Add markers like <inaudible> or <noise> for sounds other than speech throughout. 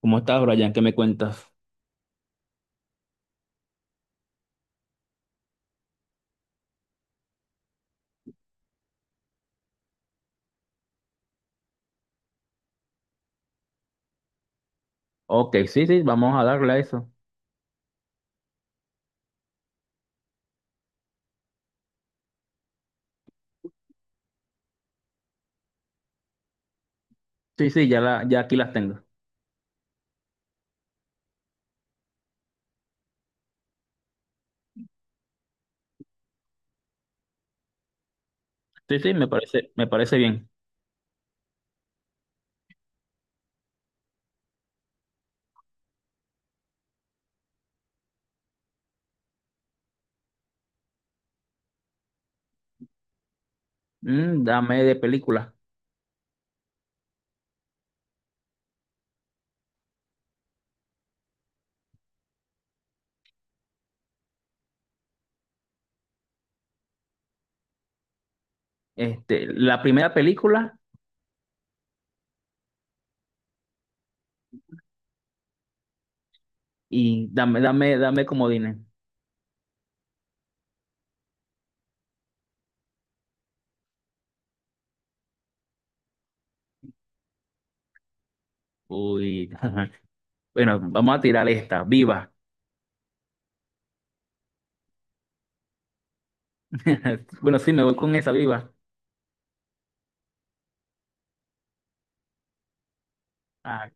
¿Cómo estás, Brian? ¿Qué me cuentas? Ok, sí, sí, vamos a darle a eso. Sí, sí, ya aquí las tengo. Sí, sí, me parece bien. Dame de película. La primera película y dame comodines. Uy, <laughs> bueno, vamos a tirar esta, Viva. <laughs> Bueno, sí, me voy con esa, Viva. Ah,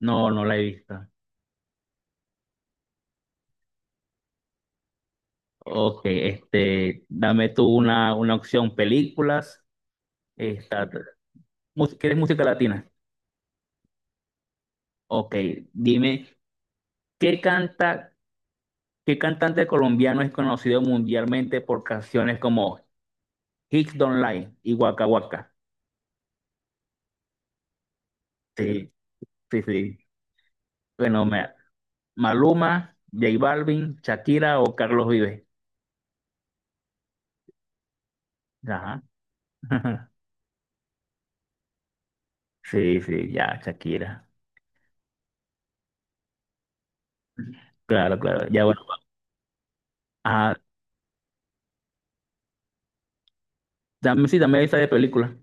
no, no la he visto. Ok, dame tú una opción, películas. Esta, ¿Quieres música latina? Ok, dime, ¿qué canta? ¿Qué cantante colombiano es conocido mundialmente por canciones como Hits Don't Lie y Waka Waka? Sí, sí, sí. Bueno, Maluma, J Balvin, Shakira o Carlos Vives. Ajá. <laughs> Sí, sí, ya, Shakira. Claro, claro. Ya, bueno. Ah, dame, sí, dame esa de película.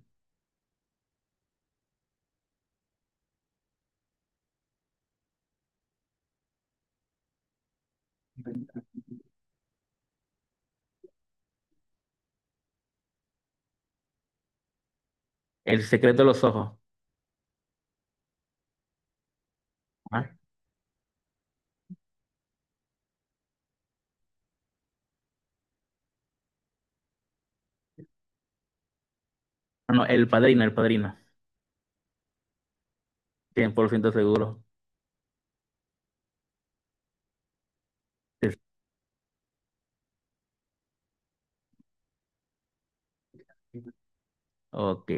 El secreto de los ojos. Ah, no, El Padrino, El Padrino. 100% seguro. Sí, sí. Ok.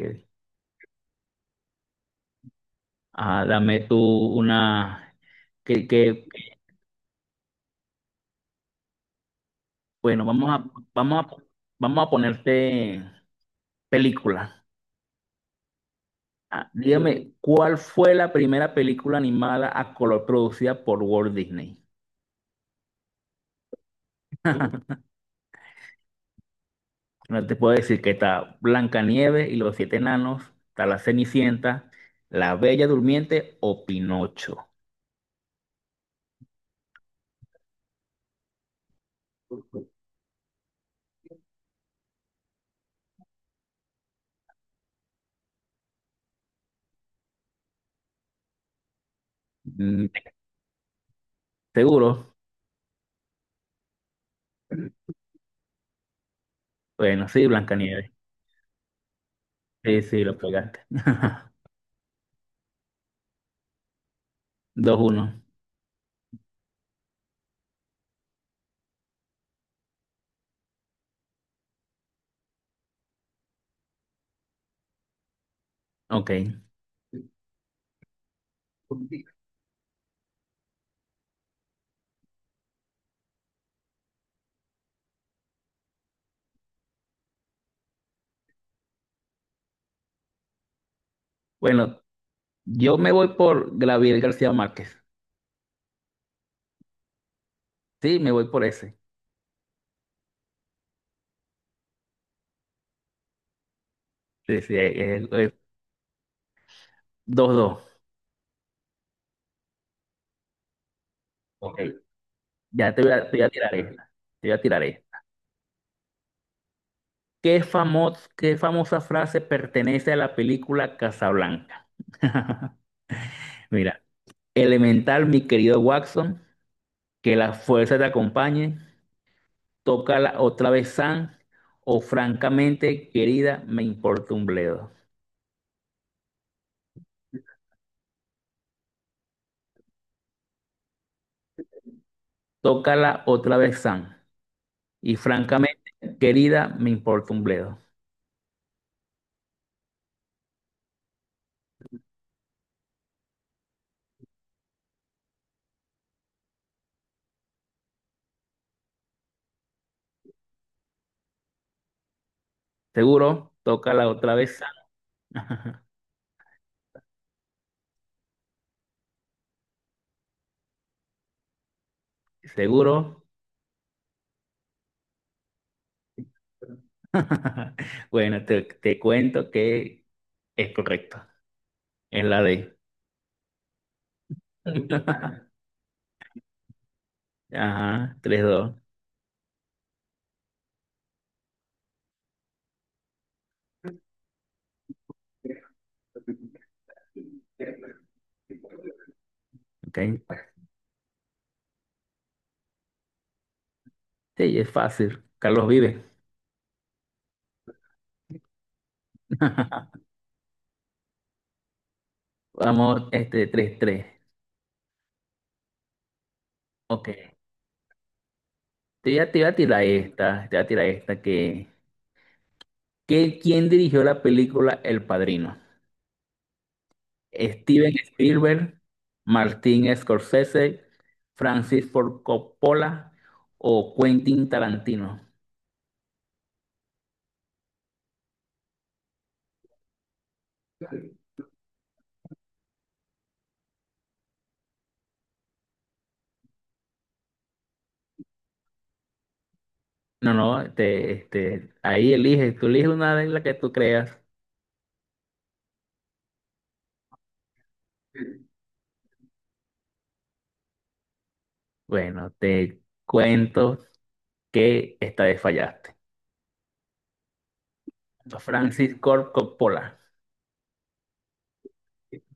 Ah, dame tú una. ¿Qué, qué Bueno, vamos a, vamos a ponerte película. Ah, dígame, ¿cuál fue la primera película animada a color producida por Walt Disney? No te puedo decir que está Blancanieves y los siete enanos, está La Cenicienta, La Bella Durmiente o Pinocho. Mm, ¿seguro? Bueno, sí, Blancanieves. Sí, sí, lo pegaste. <laughs> Dos uno. Ok. Bueno, yo me voy por Gabriel García Márquez. Sí, me voy por ese. Sí, sí, dos, dos. Ok. Ya te voy a tirar esta. Te voy a tirar esta. ¿Qué famosa frase pertenece a la película Casablanca? <laughs> Mira, elemental, mi querido Watson, que la fuerza te acompañe, tócala otra vez, Sam, o francamente, querida, me importa un bledo. Tócala otra vez, Sam, y francamente, querida, me importa un bledo. ¿Seguro? Tócala otra vez, Sam. <laughs> ¿Seguro? <laughs> Bueno, te cuento que es correcto. Es la D. <laughs> Ajá, tres dos. Ok. Sí, es fácil. Carlos vive. <laughs> Vamos, tres tres. Ok. Te voy a tirar esta. Te voy a tirar esta ¿quién dirigió la película El Padrino? Steven Spielberg, Martin Scorsese, Francis Ford Coppola o Quentin Tarantino. No, no, ahí eliges, tú eliges una de las que tú creas. Bueno, te cuento que esta vez fallaste. Francis Ford Coppola.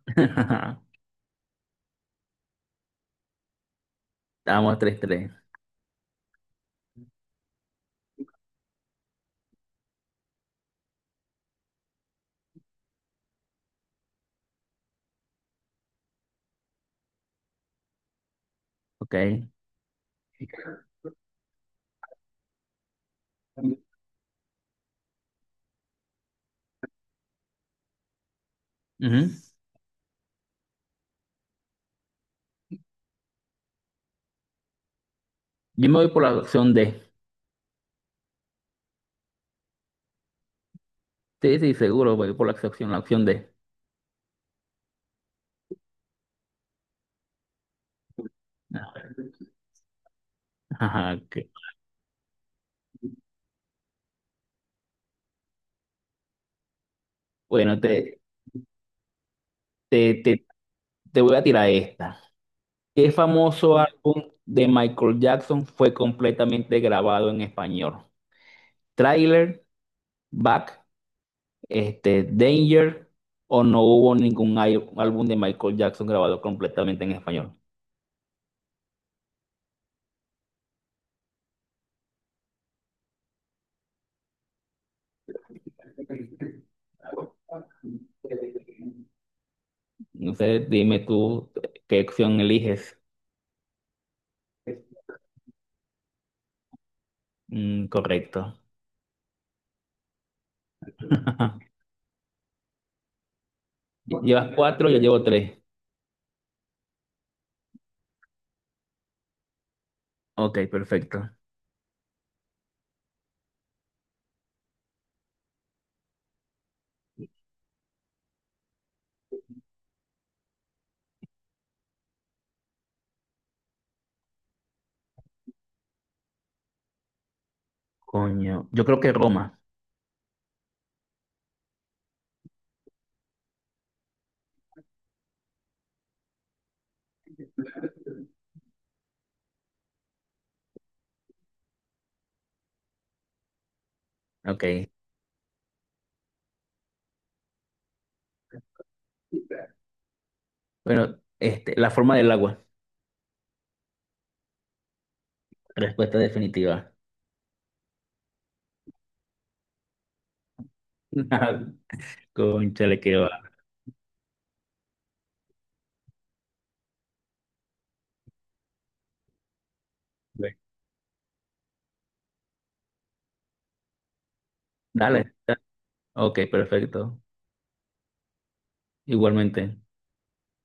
<laughs> Estamos tres tres. Ok. Ujú. Yo me voy por la opción D. Sí, sí, seguro, voy por la opción D. <laughs> Ajá, ok. Bueno, te, te, te voy a tirar esta. ¿Qué famoso álbum de Michael Jackson fue completamente grabado en español? Thriller, Back, Danger, o no hubo ningún álbum de Michael Jackson grabado completamente en español. Entonces, dime tú qué opción eliges. Mm, correcto. <laughs> Llevas cuatro, yo llevo tres. Ok, perfecto. Coño, yo creo que Roma. Ok. Bueno, la forma del agua. Respuesta definitiva. <laughs> Cónchale, que va. Dale. Ok, perfecto. Igualmente.